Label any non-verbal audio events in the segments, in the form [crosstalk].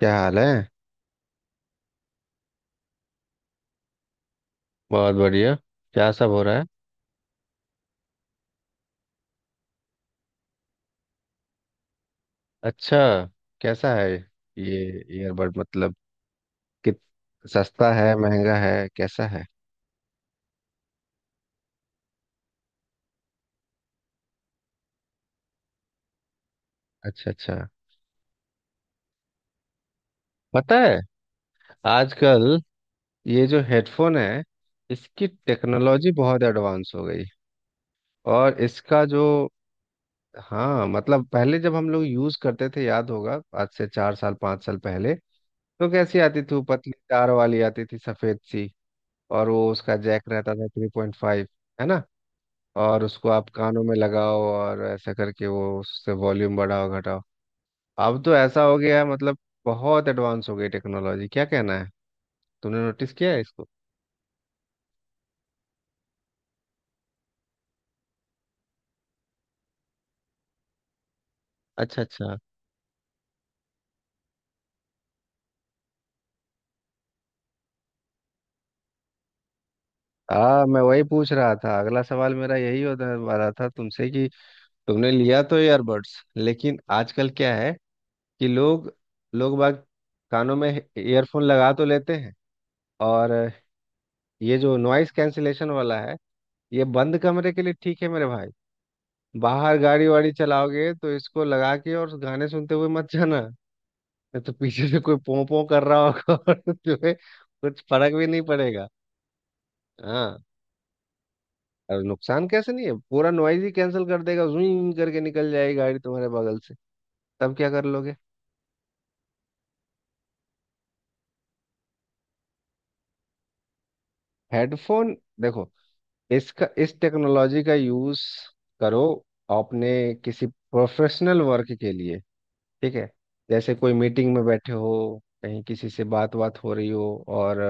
क्या हाल है। बहुत बढ़िया। क्या सब हो रहा है। अच्छा। कैसा है ये ईयरबड मतलब। कित सस्ता है, महंगा है, कैसा है। अच्छा अच्छा। पता है, आजकल ये जो हेडफोन है, इसकी टेक्नोलॉजी बहुत एडवांस हो गई। और इसका जो, हाँ, मतलब पहले जब हम लोग यूज करते थे, याद होगा, आज से 4 साल 5 साल पहले। तो कैसी आती थी? वो पतली तार वाली आती थी, सफेद सी। और वो उसका जैक रहता था 3.5। है ना। और उसको आप कानों में लगाओ, और ऐसा करके वो उससे वॉल्यूम बढ़ाओ घटाओ। अब तो ऐसा हो गया है मतलब। बहुत एडवांस हो गई टेक्नोलॉजी, क्या कहना है। तुमने नोटिस किया है इसको। अच्छा अच्छा। हाँ, मैं वही पूछ रहा था, अगला सवाल मेरा यही होने वाला था तुमसे, कि तुमने लिया तो ईयरबड्स, लेकिन आजकल क्या है, कि लोग लोग बाग कानों में ईयरफोन लगा तो लेते हैं। और ये जो नॉइस कैंसिलेशन वाला है, ये बंद कमरे के लिए ठीक है मेरे भाई। बाहर गाड़ी वाड़ी चलाओगे तो इसको लगा के और गाने सुनते हुए मत जाना। नहीं तो पीछे से कोई पों पों कर रहा होगा [laughs] और तुम्हें कुछ फर्क भी नहीं पड़ेगा। हाँ। और नुकसान कैसे नहीं है, पूरा नॉइज ही कैंसिल कर देगा, जूं करके निकल जाएगी गाड़ी तुम्हारे बगल से, तब क्या कर लोगे। हेडफोन, देखो, इसका, इस टेक्नोलॉजी का यूज करो अपने किसी प्रोफेशनल वर्क के लिए। ठीक है। जैसे कोई मीटिंग में बैठे हो, कहीं किसी से बात बात हो रही हो, और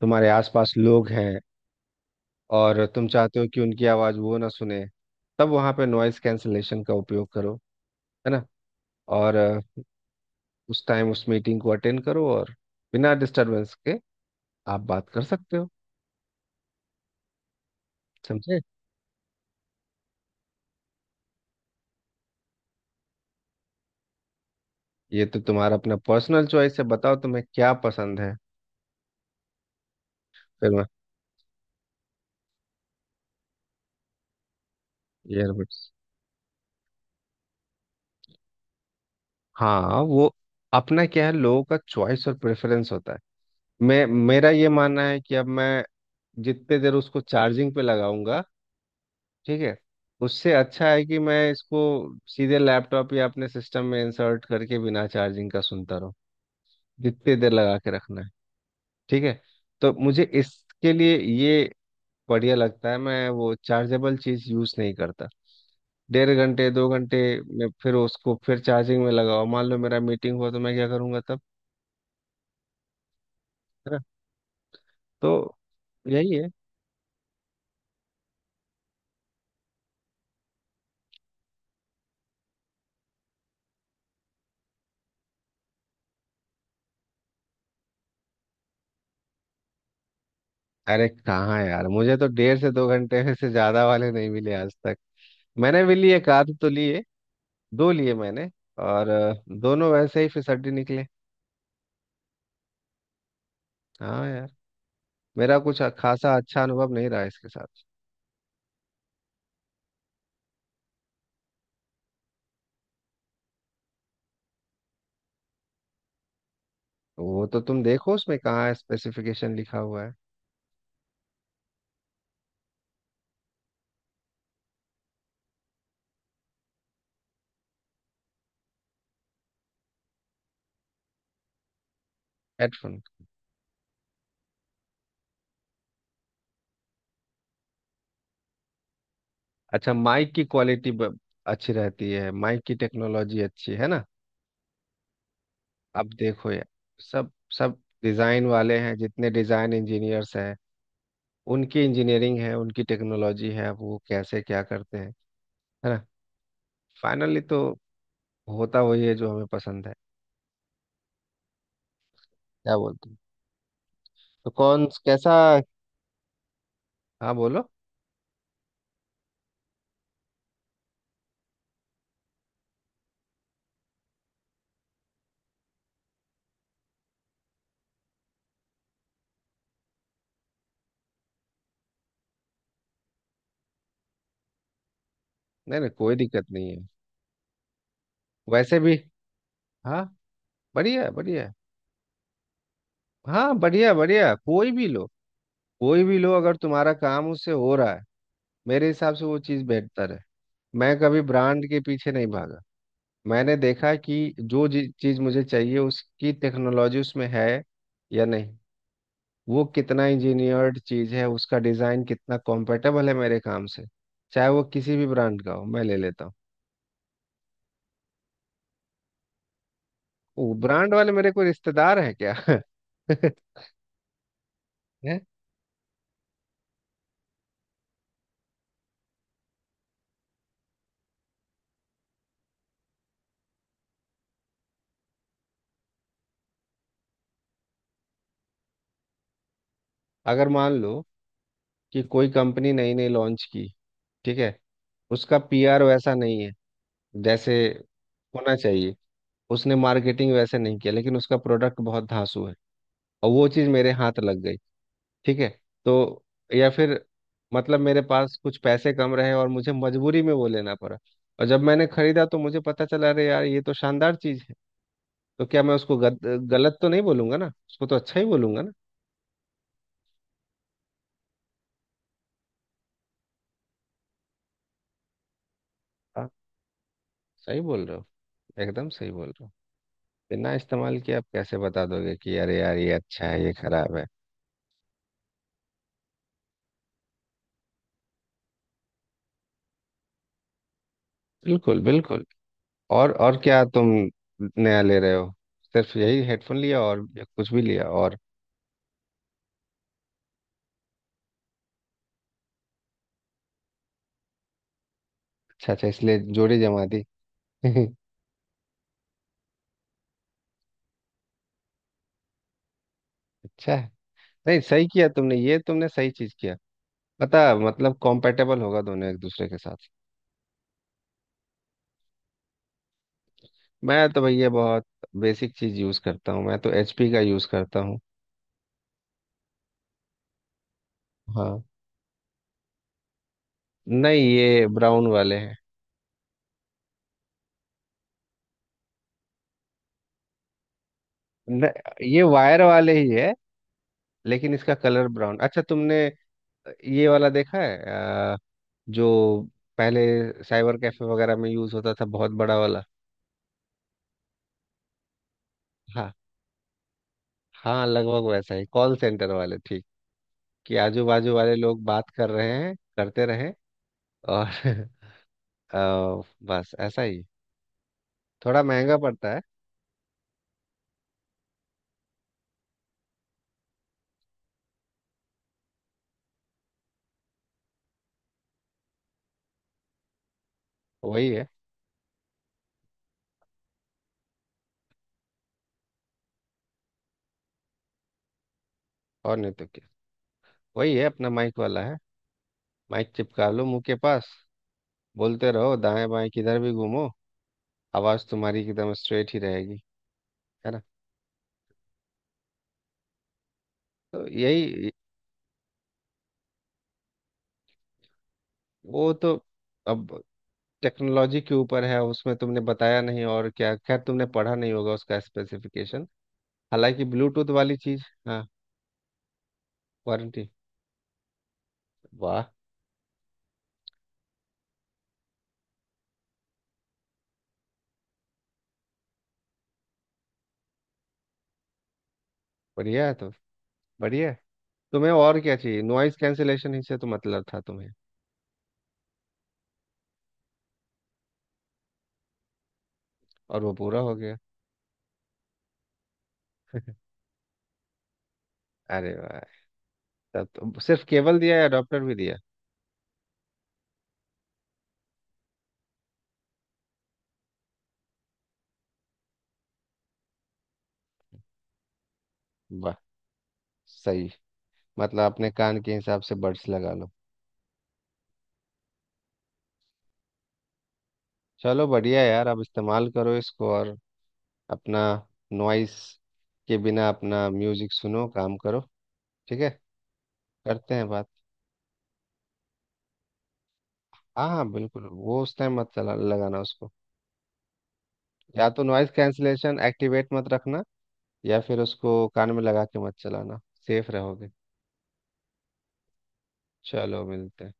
तुम्हारे आसपास लोग हैं, और तुम चाहते हो कि उनकी आवाज़ वो ना सुने। तब वहाँ पे नॉइज़ कैंसलेशन का उपयोग करो। है ना। और उस टाइम उस मीटिंग को अटेंड करो और बिना डिस्टरबेंस के आप बात कर सकते हो। समझे। ये तो तुम्हारा अपना पर्सनल चॉइस है, बताओ तुम्हें क्या पसंद है। फिर मैं ईयरबड्स, हाँ, वो अपना क्या है, लोगों का चॉइस और प्रेफरेंस होता है। मैं, मेरा ये मानना है कि अब मैं जितने देर उसको चार्जिंग पे लगाऊंगा, ठीक है, उससे अच्छा है कि मैं इसको सीधे लैपटॉप या अपने सिस्टम में इंसर्ट करके बिना चार्जिंग का सुनता रहूँ जितनी देर लगा के रखना है। ठीक है। तो मुझे इसके लिए ये बढ़िया लगता है, मैं वो चार्जेबल चीज़ यूज़ नहीं करता। 1.5 घंटे 2 घंटे में फिर उसको फिर चार्जिंग में लगाओ, मान लो मेरा मीटिंग हुआ तो मैं क्या करूँगा तब। है ना। तो यही है। अरे कहाँ यार, मुझे तो 1.5 से 2 घंटे [laughs] से ज्यादा वाले नहीं मिले आज तक। मैंने भी लिए, एक आध तो लिए, दो लिए मैंने। और दोनों वैसे ही फिसड्डी निकले। हाँ यार, मेरा कुछ खासा अच्छा अनुभव नहीं रहा इसके साथ। वो तो तुम देखो उसमें कहाँ स्पेसिफिकेशन लिखा हुआ है। हेडफोन। अच्छा, माइक की क्वालिटी अच्छी रहती है, माइक की टेक्नोलॉजी अच्छी है ना। अब देखो यार, सब सब डिज़ाइन वाले हैं, जितने डिज़ाइन इंजीनियर्स हैं, उनकी इंजीनियरिंग है, उनकी टेक्नोलॉजी है, अब वो कैसे क्या करते हैं। है ना। फाइनली तो होता वही है जो हमें पसंद है। क्या बोलते हैं। तो कौन कैसा। हाँ बोलो। नहीं नहीं, कोई दिक्कत नहीं है। वैसे भी, हाँ, बढ़िया है बढ़िया है। हाँ बढ़िया बढ़िया, कोई भी लो, कोई भी लो अगर तुम्हारा काम उससे हो रहा है, मेरे हिसाब से वो चीज़ बेहतर है। मैं कभी ब्रांड के पीछे नहीं भागा। मैंने देखा कि जो चीज़ मुझे चाहिए उसकी टेक्नोलॉजी उसमें है या नहीं, वो कितना इंजीनियर्ड चीज़ है, उसका डिज़ाइन कितना कॉम्पेटेबल है मेरे काम से, चाहे वो किसी भी ब्रांड का हो मैं ले लेता हूँ। वो ब्रांड वाले मेरे कोई रिश्तेदार हैं क्या [laughs] हैं? अगर मान लो कि कोई कंपनी नई नई लॉन्च की, ठीक है, उसका पीआर वैसा नहीं है जैसे होना चाहिए, उसने मार्केटिंग वैसे नहीं किया लेकिन उसका प्रोडक्ट बहुत धांसू है, और वो चीज़ मेरे हाथ लग गई। ठीक है। तो या फिर, मतलब मेरे पास कुछ पैसे कम रहे और मुझे मजबूरी में वो लेना पड़ा, और जब मैंने खरीदा तो मुझे पता चला, अरे यार ये तो शानदार चीज़ है। तो क्या मैं उसको गलत तो नहीं बोलूंगा ना, उसको तो अच्छा ही बोलूंगा ना। हाँ, सही बोल रहे हो, एकदम सही बोल रहे हो। बिना इस्तेमाल किए आप कैसे बता दोगे कि अरे यार ये अच्छा है, ये खराब है। बिल्कुल बिल्कुल। और क्या तुम नया ले रहे हो, सिर्फ यही हेडफोन लिया और, या कुछ भी लिया और। अच्छा अच्छा, इसलिए जोड़ी जमा दी [laughs] अच्छा है। नहीं, सही किया तुमने, ये तुमने सही चीज किया। पता, मतलब कॉम्पेटेबल होगा दोनों एक दूसरे के साथ। मैं तो भैया बहुत बेसिक चीज यूज करता हूँ, मैं तो एचपी का यूज करता हूँ। हाँ। नहीं ये ब्राउन वाले हैं। न, ये वायर वाले ही है, लेकिन इसका कलर ब्राउन। अच्छा तुमने ये वाला देखा है? अ, जो पहले साइबर कैफे वगैरह में यूज होता था, बहुत बड़ा वाला। हाँ। हाँ लगभग वैसा ही, कॉल सेंटर वाले, ठीक, कि आजू बाजू वाले लोग बात कर रहे हैं करते रहे। और [laughs] बस ऐसा ही, थोड़ा महंगा पड़ता है। वही है, और नहीं तो क्या, वही है अपना माइक वाला है। माइक चिपका लो मुंह के पास, बोलते रहो, दाएं बाएं किधर भी घूमो, आवाज तुम्हारी एकदम स्ट्रेट ही रहेगी। है ना। तो यही। वो तो अब टेक्नोलॉजी के ऊपर है, उसमें तुमने बताया नहीं और क्या, खैर तुमने पढ़ा नहीं होगा उसका स्पेसिफिकेशन। हालांकि ब्लूटूथ वाली चीज हाँ। वारंटी, वाह। बढ़िया है तो। बढ़िया है। तुम्हें और क्या चाहिए, नॉइज कैंसिलेशन ही से तो मतलब था तुम्हें। और वो पूरा हो गया। अरे वाह। तब तो सिर्फ केबल दिया या अडॉप्टर भी दिया। वाह सही। मतलब अपने कान के हिसाब से बड्स लगा लो। चलो बढ़िया यार, अब इस्तेमाल करो इसको और अपना नॉइस के बिना अपना म्यूजिक सुनो, काम करो। ठीक है। करते हैं बात। हाँ हाँ बिल्कुल, वो उस टाइम मत चला लगाना उसको, या तो नॉइज कैंसिलेशन एक्टिवेट मत रखना, या फिर उसको कान में लगा के मत चलाना, सेफ रहोगे। चलो मिलते हैं।